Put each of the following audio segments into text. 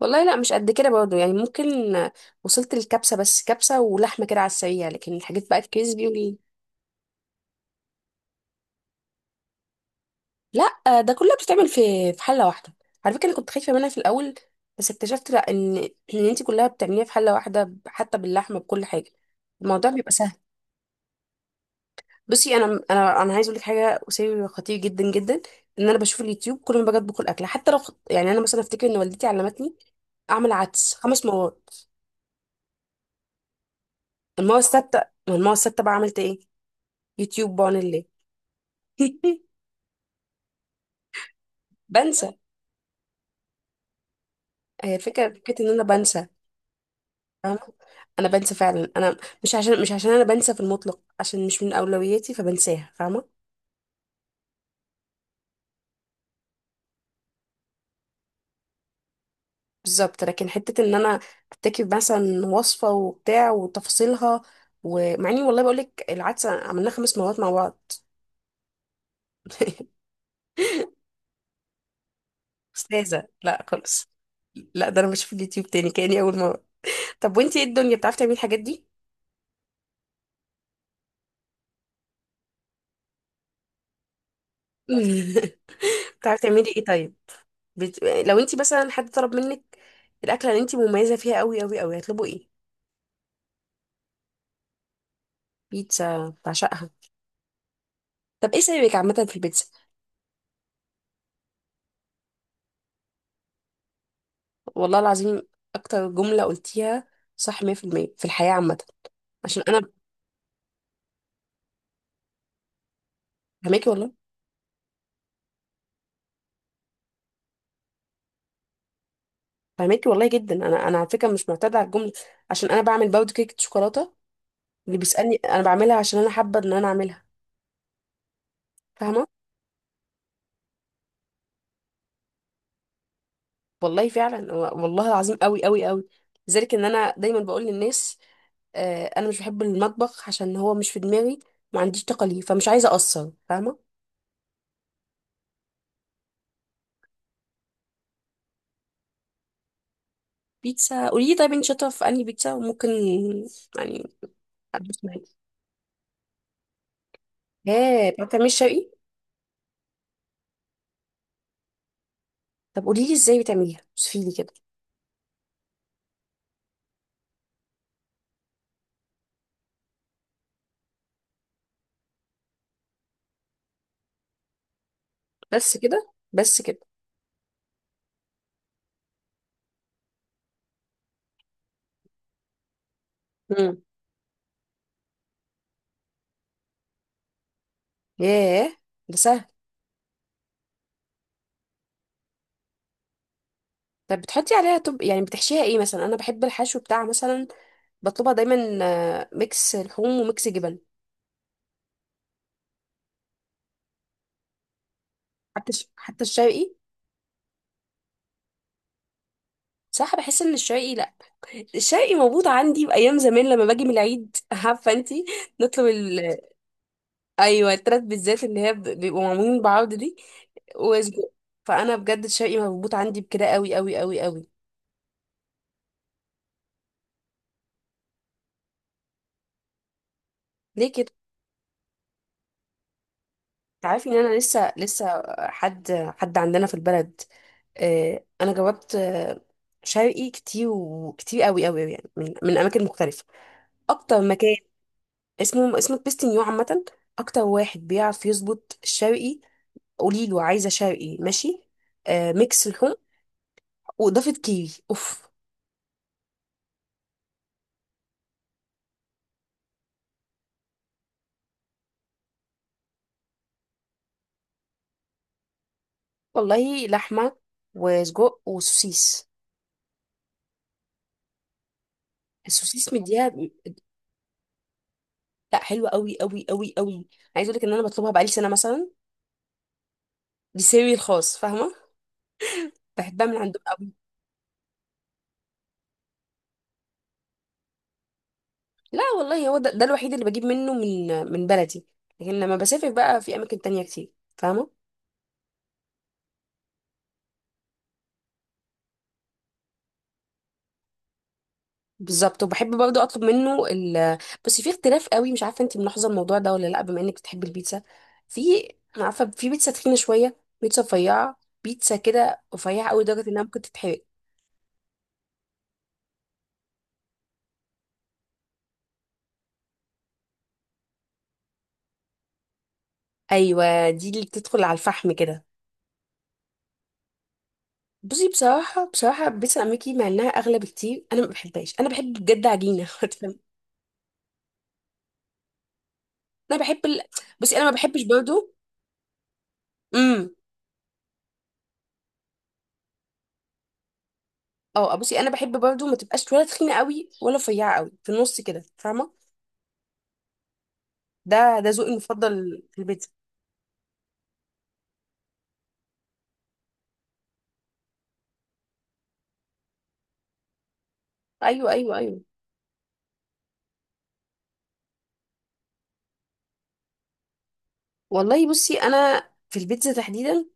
والله لا مش قد كده برضه، يعني ممكن. وصلت للكبسة، بس كبسة ولحمة كده على السريع، لكن الحاجات بقى الكريسبي لا، ده كلها بتتعمل في حلة واحدة. على فكرة، انا كنت خايفة منها في الأول، بس اكتشفت لا ان انت كلها بتعمليها في حلة واحدة، حتى باللحمة بكل حاجة. الموضوع بيبقى سهل. بصي، انا عايز اقول لك حاجه، سر خطير جدا جدا. ان انا بشوف اليوتيوب كل ما باجي اطبخ الاكل، حتى لو يعني انا مثلا افتكر ان والدتي علمتني اعمل عدس خمس مرات. المره السادسه، المره السادسه بقى عملت ايه؟ يوتيوب، بعون الله. بنسى. هي الفكرة، فكرة ان انا بنسى. فاهمة، انا بنسى فعلا. انا مش عشان انا بنسى في المطلق، عشان مش من اولوياتي فبنساها، فاهمة؟ بالظبط، لكن حتة ان انا افتكر مثلا وصفة وبتاع وتفاصيلها. ومع اني، والله بقولك، العدسة عملناها خمس مرات مع بعض. استاذة؟ لا خالص. لا، ده انا بشوف اليوتيوب تاني كأني اول مرة. طب وانتي ايه، الدنيا بتعرفي تعملي الحاجات دي؟ بتعرفي تعملي ايه طيب؟ لو انت مثلا حد طلب منك الاكله اللي انت مميزه فيها قوي قوي قوي، هتطلبوا ايه؟ بيتزا؟ بعشقها. طب ايه سببك عامه في البيتزا؟ والله العظيم، اكتر جمله قلتيها صح، 100% في المية، في الحياه عامه. عشان انا، فهماكي والله. فهماكي والله جدا، انا على فكره مش معتاده على الجمله، عشان انا بعمل باود كيكه شوكولاته. اللي بيسالني انا بعملها، عشان انا حابه ان انا اعملها، فاهمه؟ والله فعلا، والله العظيم، قوي قوي قوي. لذلك ان انا دايما بقول للناس، آه، انا مش بحب المطبخ عشان هو مش في دماغي. ما عنديش طاقه ليه، فمش عايزه اقصر، فاهمه؟ بيتزا. قولي لي طيب، انت شاطره في انهي بيتزا وممكن يعني ادوس معاكي. ها، بتعملي شرقي؟ طب قولي لي ازاي بتعمليها، وصفي لي كده. بس كده؟ بس كده. امم. ياه، ده سهل. طب بتحطي عليها، طب يعني بتحشيها ايه مثلا؟ انا بحب الحشو بتاع مثلا، بطلبها دايما، آه، ميكس لحوم وميكس جبن. حتى الشرقي. صح، بحس ان الشرقي لا، الشرقي موجود عندي بأيام زمان لما باجي من العيد. عارفة انتي، نطلب أيوة، التلات بالذات اللي هي بيبقوا معمولين بعض دي، وسجق. فأنا بجد الشرقي مربوط عندي بكده قوي قوي قوي قوي. ليه كده؟ تعرفي إن أنا لسه لسه حد، حد عندنا في البلد، آه، أنا جربت شرقي كتير، وكتير قوي قوي قوي، يعني من أماكن مختلفة. أكتر مكان اسمه بيستنيو عامة، أكتر واحد بيعرف يظبط الشرقي. قولي له عايزه شرقي، ماشي، آه، ميكس لحوم، واضافه كيري اوف. والله لحمه وسجق وسوسيس. السوسيس مديها، لا، حلوه قوي قوي قوي قوي. عايزه اقول لك ان انا بطلبها بقالي سنه مثلا. دي سيري الخاص، فاهمه؟ بحبها من عندهم قوي. لا والله، هو ده الوحيد اللي بجيب منه، من بلدي. لكن لما بسافر بقى في اماكن تانية كتير، فاهمه؟ بالظبط. وبحب برضه اطلب منه بس في اختلاف قوي، مش عارفه انت ملاحظه الموضوع ده ولا لا، بما انك بتحبي البيتزا. في، انا عارفه في بيتزا تخينه شويه، بيتزا رفيعه، بيتزا كده رفيعه قوي لدرجه انها ممكن تتحرق. ايوه، دي اللي بتدخل على الفحم كده. بصي، بصراحه بصراحه، بيتزا امريكي، مع انها اغلى بكتير، انا ما بحبهاش. انا بحب بجد عجينه. هتفهم. انا بحب بصي، انا ما بحبش برضه. امم. اه، آه، بصي، انا بحب برضه ما تبقاش ولا تخينه قوي ولا رفيعه قوي، في النص كده، فاهمه؟ ده ذوقي المفضل في البيتزا. ايوه ايوه ايوه. والله، بصي، انا في البيتزا تحديدا،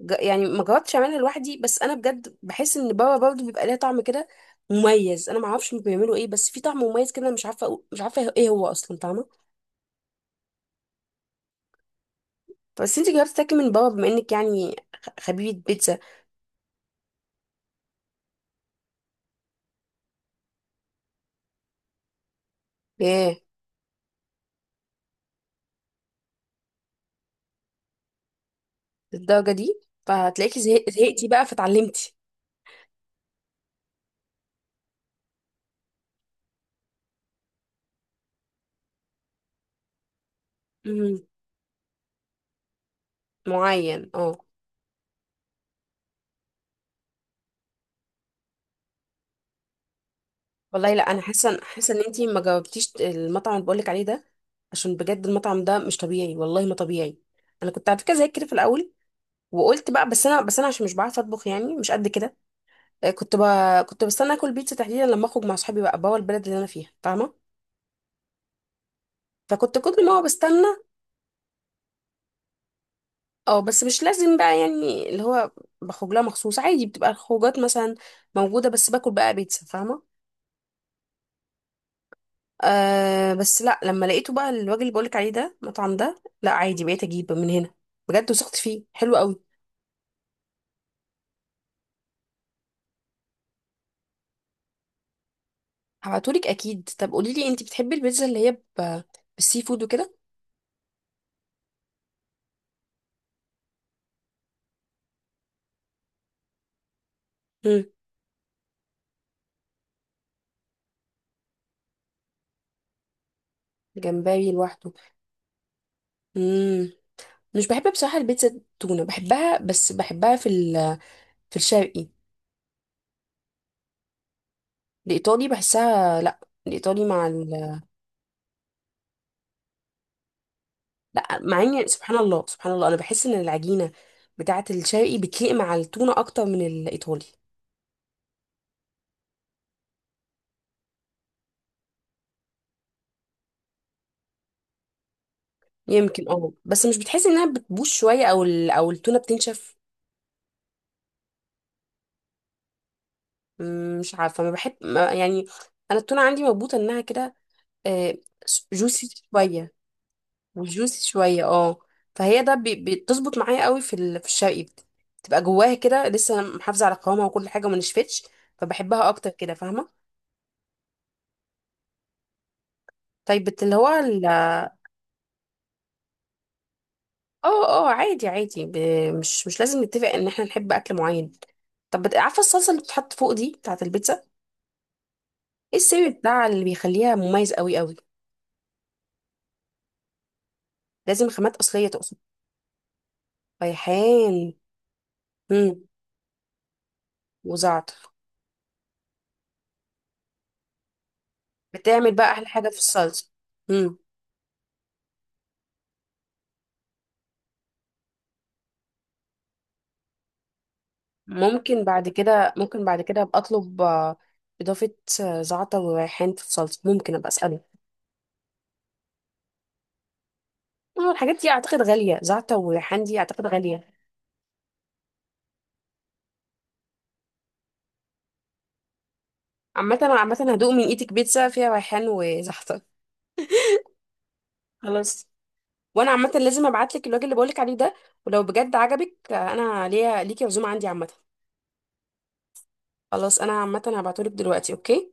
يعني ما جربتش اعملها لوحدي، بس انا بجد بحس ان بابا برضه بيبقى ليها طعم كده مميز. انا ما اعرفش بيعملوا ايه، بس في طعم مميز كده، أنا مش عارفه مش عارفه ايه هو اصلا، فاهمه؟ بس انت جربتي تاكلي من بابا، بما انك يعني خبيبه بيتزا. ايه، للدرجه دي؟ فهتلاقيكي زهقتي بقى فتعلمتي. امم، معين، اه. والله لا، انا حاسه ان انتي ما جاوبتيش، المطعم اللي بقولك عليه ده، عشان بجد المطعم ده مش طبيعي، والله ما طبيعي. انا كنت على فكره زيك كده في الاول، وقلت بقى، بس انا عشان مش بعرف اطبخ يعني، مش قد كده. آه، كنت بستنى اكل بيتزا تحديدا لما اخرج مع اصحابي بقى بوا البلد اللي انا فيها، فاهمه؟ فكنت كل ما هو بستنى. اه، بس مش لازم بقى، يعني اللي هو بخرج لها مخصوص عادي، بتبقى الخروجات مثلا موجوده، بس باكل بقى بيتزا، فاهمه؟ أه، بس لا، لما لقيته بقى الوجه اللي بقولك عليه ده، المطعم ده، لا، عادي بقيت اجيب من هنا. بجد وثقت فيه، حلو قوي. هبعتهولك اكيد. طب قولي لي، انت بتحبي البيتزا اللي هي ب... بالسي فود وكده؟ امم. جمبري لوحده؟ امم، مش بحب بصراحه البيتزا. التونه بحبها، بس بحبها في في الشرقي. الايطالي بحسها لا. الايطالي مع لا مع اني، سبحان الله سبحان الله، انا بحس ان العجينه بتاعه الشرقي بتليق مع التونه اكتر من الايطالي. يمكن اه، بس مش بتحسي انها بتبوظ شويه، او او التونه بتنشف؟ مش عارفه، ما بحب، ما يعني، انا التونه عندي مربوطه انها كده جوسي شويه. وجوسي شويه، اه. فهي ده بتظبط معايا قوي في في الشرقي، بتبقى جواها كده لسه محافظه على قوامها وكل حاجه، وما نشفتش. فبحبها اكتر كده، فاهمه؟ طيب اللي هو اه. اه، عادي عادي، مش لازم نتفق ان احنا نحب اكل معين. طب عارفه الصلصه اللي بتتحط فوق دي بتاعه البيتزا، ايه السر بتاع اللي بيخليها مميز قوي قوي؟ لازم خامات اصليه تقصد؟ ريحان. امم. وزعتر. بتعمل بقى احلى حاجه في الصلصه. امم. ممكن بعد كده ابقى اطلب اضافه آه، زعتر وريحان في الصلصه، ممكن ابقى اساله. اه، الحاجات دي اعتقد غاليه، زعتر وريحان دي اعتقد غاليه. عامه عامه هدوق من ايدك بيتزا فيها ريحان وزعتر. خلاص. وانا عامه لازم ابعت لك الراجل اللي بقولك عليه ده، ولو بجد عجبك، آه، انا ليا ليكي عزومه عندي عامه. خلاص، انا عامه هبعتهولك دلوقتي. اوكي.